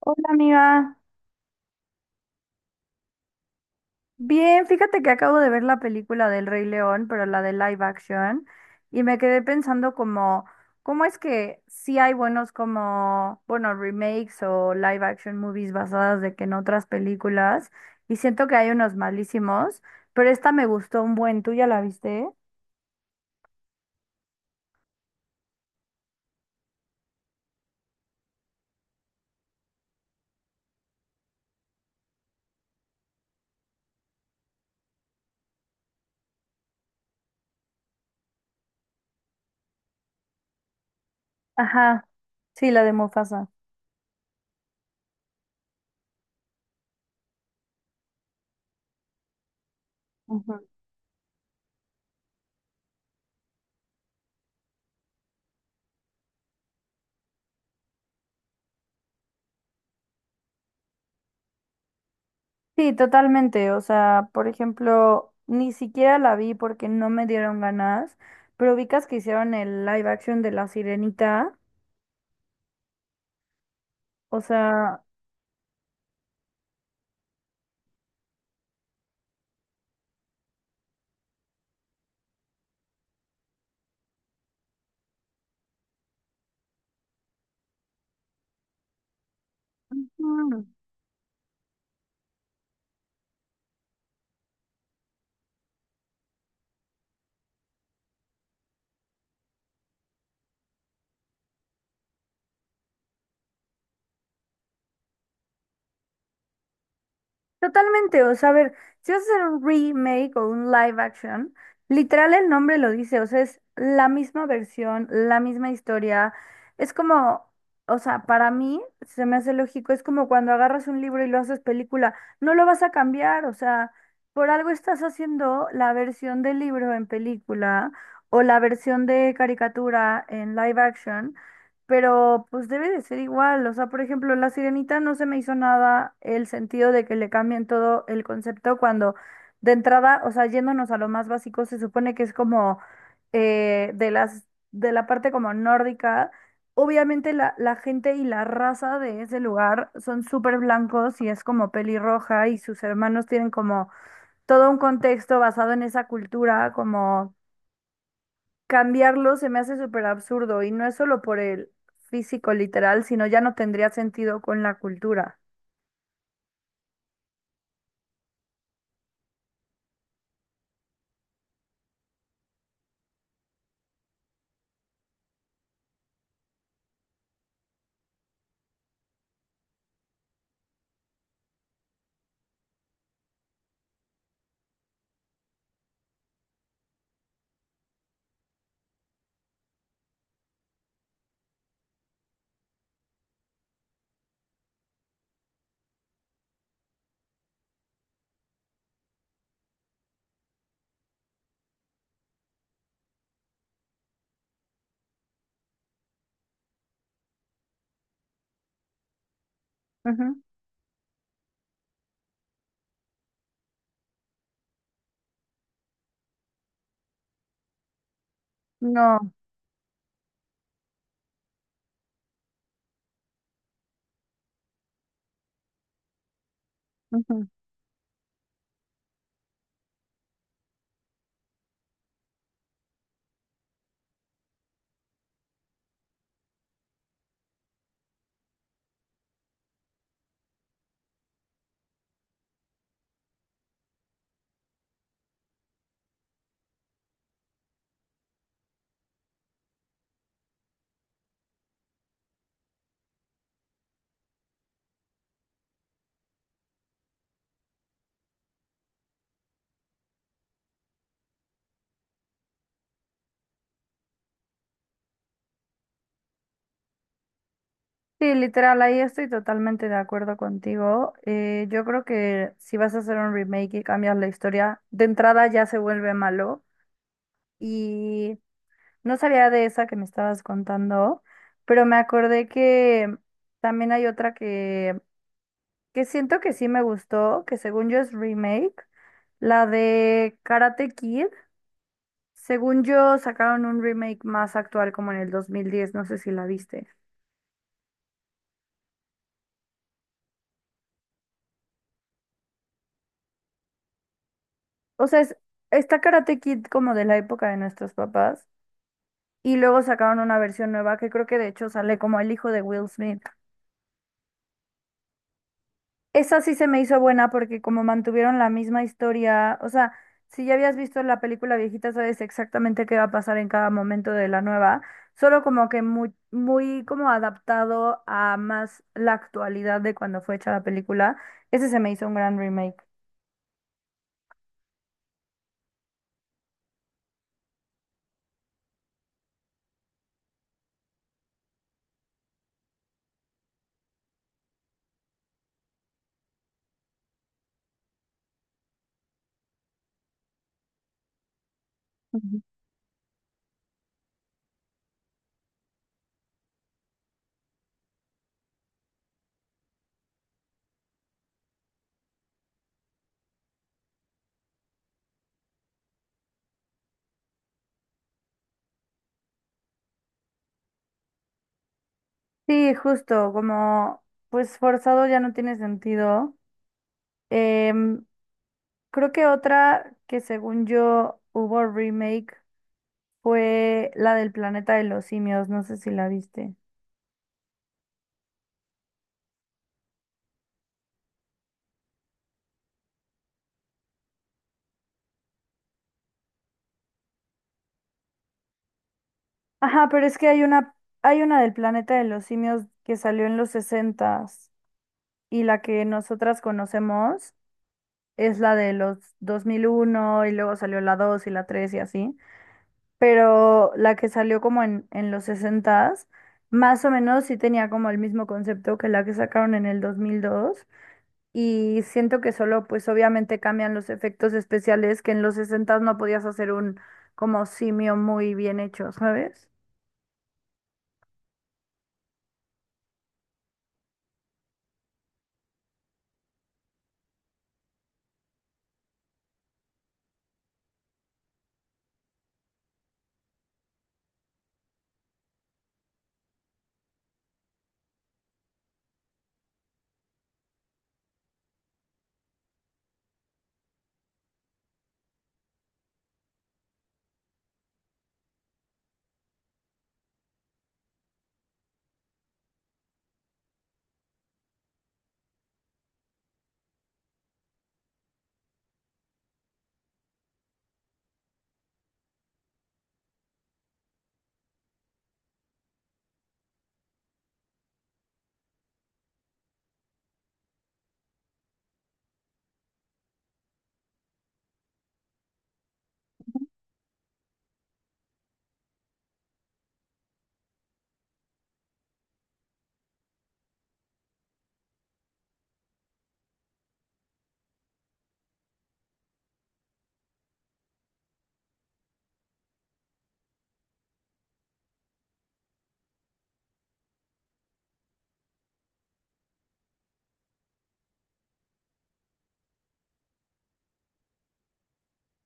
Hola amiga, bien, fíjate que acabo de ver la película del Rey León, pero la de live action, y me quedé pensando como, ¿cómo es que sí hay buenos como, bueno, remakes o live action movies basadas de que en otras películas? Y siento que hay unos malísimos, pero esta me gustó un buen, ¿tú ya la viste? Ajá, sí, la de Mufasa. Sí, totalmente. O sea, por ejemplo, ni siquiera la vi porque no me dieron ganas, pero ubicas que hicieron el live action de La Sirenita. O sea. Ujú. Totalmente, o sea, a ver, si vas a hacer un remake o un live action, literal el nombre lo dice, o sea, es la misma versión, la misma historia. Es como, o sea, para mí se me hace lógico, es como cuando agarras un libro y lo haces película, no lo vas a cambiar, o sea, por algo estás haciendo la versión del libro en película o la versión de caricatura en live action. Pero pues debe de ser igual, o sea, por ejemplo, La Sirenita no se me hizo nada el sentido de que le cambien todo el concepto cuando de entrada, o sea, yéndonos a lo más básico, se supone que es como de la parte como nórdica, obviamente la gente y la raza de ese lugar son súper blancos y es como pelirroja y sus hermanos tienen como todo un contexto basado en esa cultura, como cambiarlo se me hace súper absurdo y no es solo por el físico literal, sino ya no tendría sentido con la cultura. Ujú. No. Ujú. Sí, literal, ahí estoy totalmente de acuerdo contigo. Yo creo que si vas a hacer un remake y cambias la historia, de entrada ya se vuelve malo. Y no sabía de esa que me estabas contando, pero me acordé que también hay otra que siento que sí me gustó, que según yo es remake, la de Karate Kid, según yo sacaron un remake más actual como en el 2010, no sé si la viste. O sea, está Karate Kid como de la época de nuestros papás y luego sacaron una versión nueva que creo que de hecho sale como el hijo de Will Smith. Esa sí se me hizo buena porque como mantuvieron la misma historia, o sea, si ya habías visto la película viejita, sabes exactamente qué va a pasar en cada momento de la nueva, solo como que muy, muy como adaptado a más la actualidad de cuando fue hecha la película. Ese se me hizo un gran remake. Ujú. Sí, justo, como pues forzado ya no tiene sentido. Em, Creo que otra que según yo hubo remake fue la del Planeta de los Simios, no sé si la viste. Ajá, pero es que hay una del Planeta de los Simios que salió en los sesentas y la que nosotras conocemos es la de los 2001 y luego salió la 2 y la 3 y así, pero la que salió como en los sesentas más o menos sí tenía como el mismo concepto que la que sacaron en el 2002 y siento que solo pues obviamente cambian los efectos especiales que en los sesentas no podías hacer un como simio muy bien hecho, ¿sabes?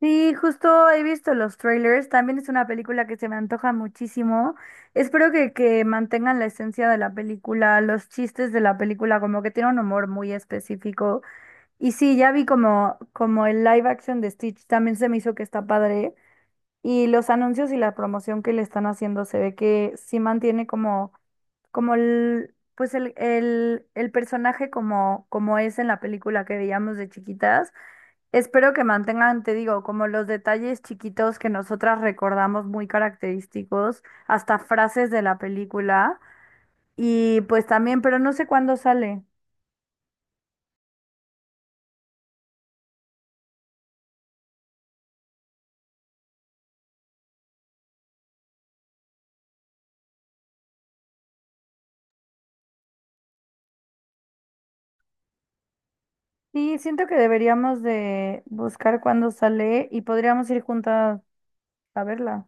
Sí, justo he visto los trailers. También es una película que se me antoja muchísimo. Espero que mantengan la esencia de la película, los chistes de la película, como que tiene un humor muy específico. Y sí, ya vi como el live action de Stitch también se me hizo que está padre. Y los anuncios y la promoción que le están haciendo se ve que sí mantiene como, como el, pues el personaje como es en la película que veíamos de chiquitas. Espero que mantengan, te digo, como los detalles chiquitos que nosotras recordamos muy característicos, hasta frases de la película. Y pues también, pero no sé cuándo sale. Sí, siento que deberíamos de buscar cuándo sale y podríamos ir juntas a verla.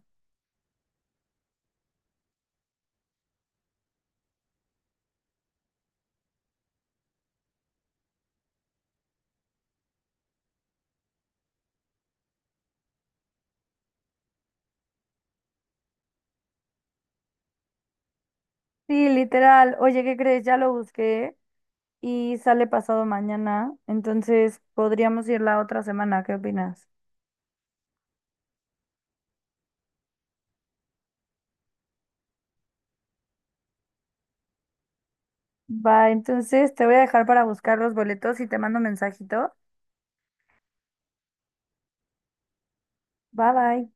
Sí, literal. Oye, ¿qué crees? Ya lo busqué y sale pasado mañana, entonces podríamos ir la otra semana. ¿Qué opinas? Va, entonces te voy a dejar para buscar los boletos y te mando mensajito. Bye bye.